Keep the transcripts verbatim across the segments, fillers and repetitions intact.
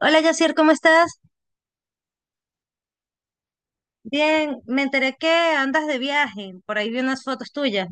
Hola, Yacir, ¿cómo estás? Bien, me enteré que andas de viaje, por ahí vi unas fotos tuyas.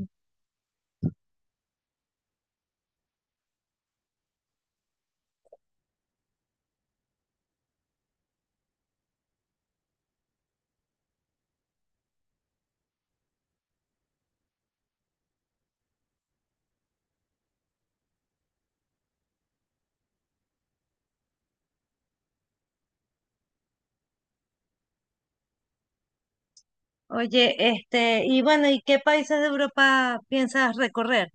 Oye, este, y bueno, ¿y qué países de Europa piensas recorrer?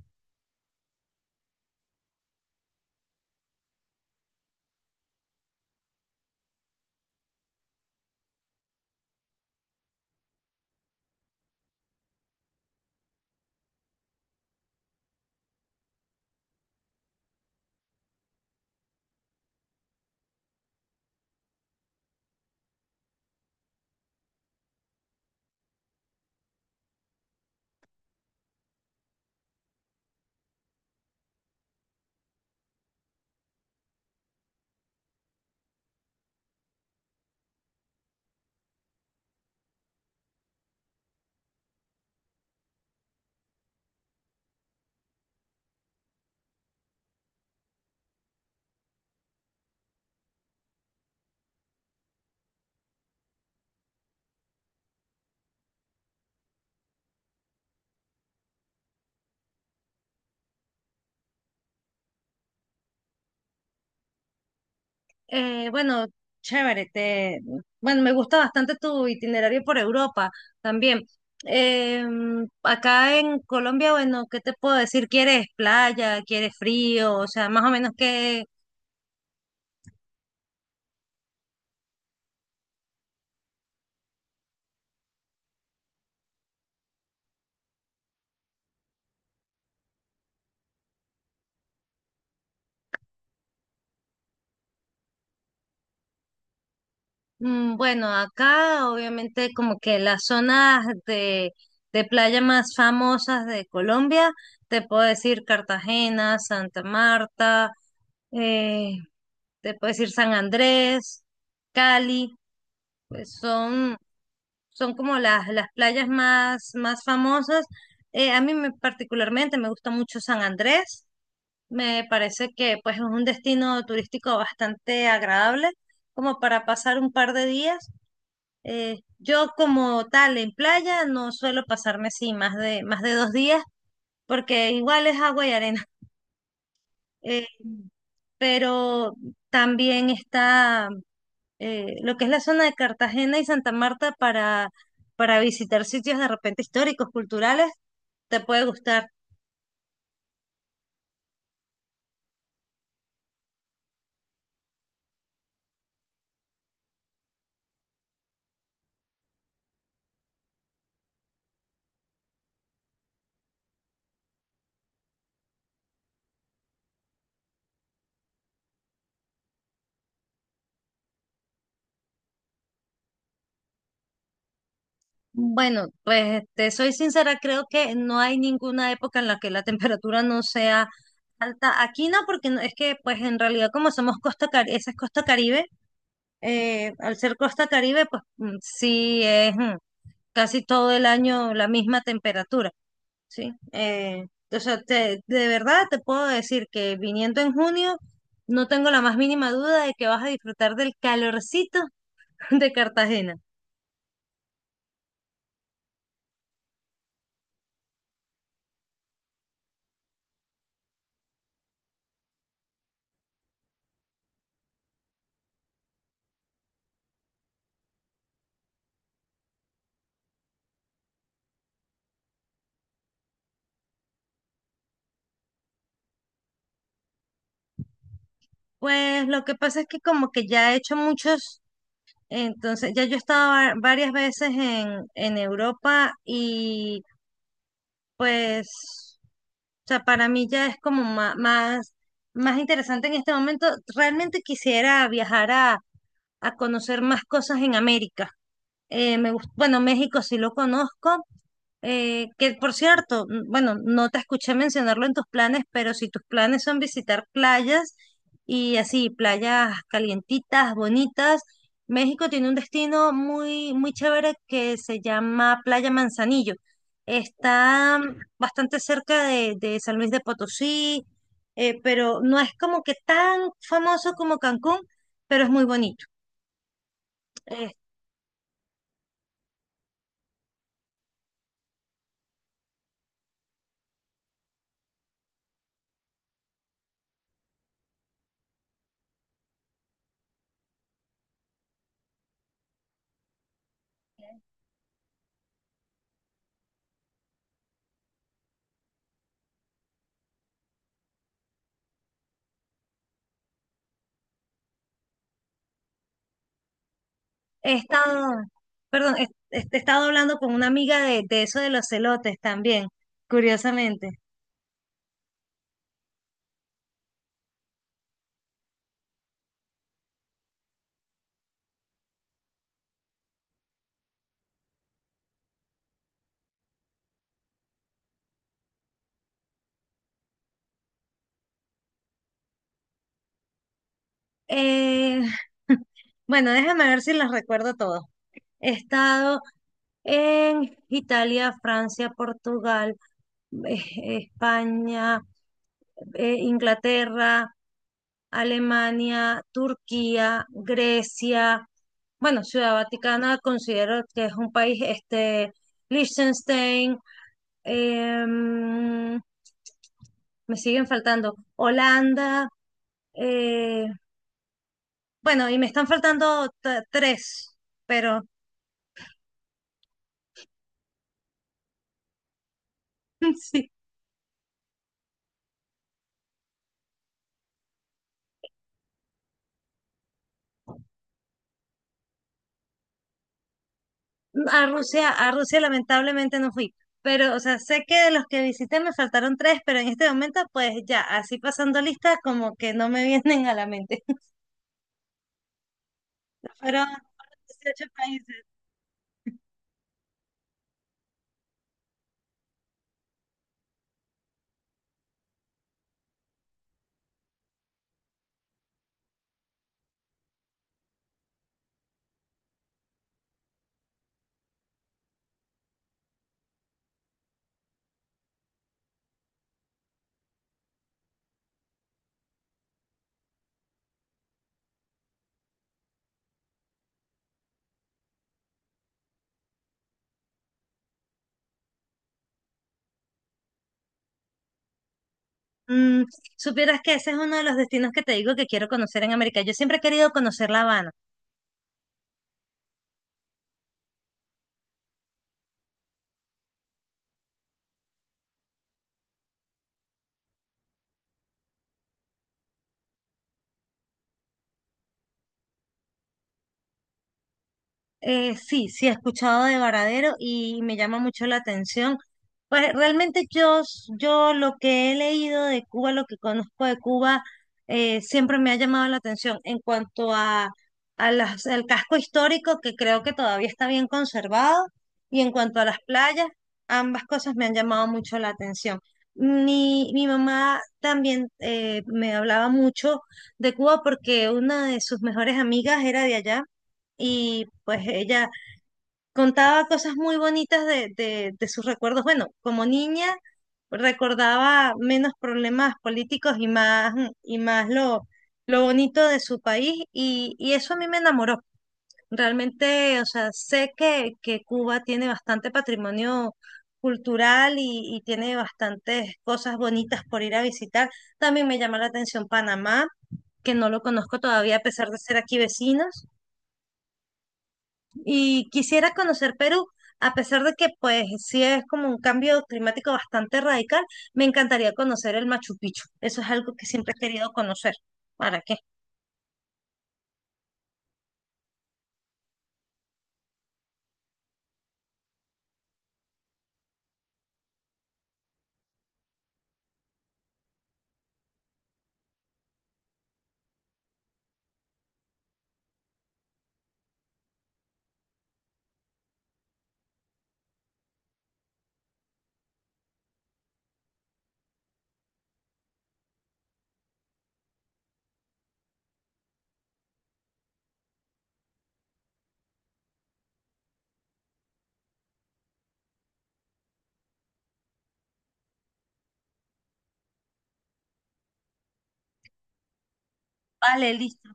Eh, bueno, chévere, te, bueno, me gusta bastante tu itinerario por Europa también. Em, acá en Colombia, bueno, ¿qué te puedo decir? ¿Quieres playa? ¿Quieres frío? O sea, más o menos, ¿qué? Mm. Bueno, acá obviamente como que las zonas de, de playa más famosas de Colombia, te puedo decir Cartagena, Santa Marta, eh, te puedo decir San Andrés, Cali, pues son, son como las, las playas más, más famosas. Eh, a mí me, particularmente me gusta mucho San Andrés, me parece que pues es un destino turístico bastante agradable como para pasar un par de días. Eh, yo como tal en playa no suelo pasarme así más de, más de dos días porque igual es agua y arena. Eh, pero también está eh, lo que es la zona de Cartagena y Santa Marta para, para visitar sitios de repente históricos, culturales, te puede gustar. Bueno, pues te soy sincera, creo que no hay ninguna época en la que la temperatura no sea alta. Aquí no, porque no- es que pues en realidad como somos costa, Cari- esa es costa Caribe, eh, al ser costa Caribe, pues mm, sí es mm, casi todo el año la misma temperatura, ¿sí? Eh, o sea, te- de verdad te puedo decir que viniendo en junio, no tengo la más mínima duda de que vas a disfrutar del calorcito de Cartagena. Pues lo que pasa es que como que ya he hecho muchos, entonces ya yo he estado va- varias veces en, en Europa y pues... O sea, para mí ya es como ma- más, más, interesante en este momento. Realmente quisiera viajar a, a conocer más cosas en América. Eh, me gust- bueno, México sí lo conozco, eh, que por cierto, n- bueno, no te escuché mencionarlo en tus planes, pero si tus planes son visitar playas y así, playas calientitas, bonitas, México tiene un destino muy, muy chévere que se llama Playa Manzanillo. Está mm, bastante cerca de, de San Luis de Potosí, eh, pero no es como que tan famoso como Cancún, pero es muy bonito. He estado, perdón, he, he estado hablando con una amiga de, de eso de los celotes también, curiosamente. Eh, bueno, déjame ver si los recuerdo todos. He estado en Italia, Francia, Portugal, eh, España, eh, Inglaterra, Alemania, Turquía, Grecia. Bueno, Ciudad Vaticana considero que es un país, este, Liechtenstein, em, me siguen faltando Holanda, eh, bueno, y me están faltando t- tres, pero sí, a Rusia, a Rusia lamentablemente no fui. Pero, o sea, sé que de los que visité me faltaron tres, pero en este momento, pues ya, así pasando listas, como que no me vienen a la mente. Fueron dieciocho países. Mm, supieras que ese es uno de los destinos que te digo que quiero conocer en América. Yo siempre he querido conocer La Habana. Eh, sí, sí, he escuchado de Varadero y me llama mucho la atención. Pues realmente yo, s- yo lo que he leído de Cuba, lo que conozco de Cuba, eh, siempre me ha llamado la atención en cuanto a, a las, al casco histórico, que creo que todavía está bien conservado, y en cuanto a las playas, ambas cosas me han llamado mucho la atención. Mi, mi mamá también eh, me hablaba mucho de Cuba porque una de sus mejores amigas era de allá y pues ella contaba cosas muy bonitas de, de, de sus recuerdos. Bueno, como niña recordaba menos problemas políticos y más, y más lo, lo bonito de su país y, y eso a mí me enamoró. Realmente, o sea, sé que, que Cuba tiene bastante patrimonio cultural y, y tiene bastantes cosas bonitas por ir a visitar. También me llama la atención Panamá, que no lo conozco todavía a pesar de ser aquí vecinos. Y quisiera conocer Perú, a pesar de que pues sí es como un cambio climático bastante radical, me encantaría conocer el Machu Picchu. Eso es algo que siempre he querido conocer. ¿Para qué? Vale, listo.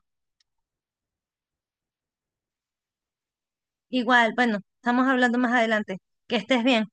Igual, bueno, estamos hablando más adelante. Que estés bien.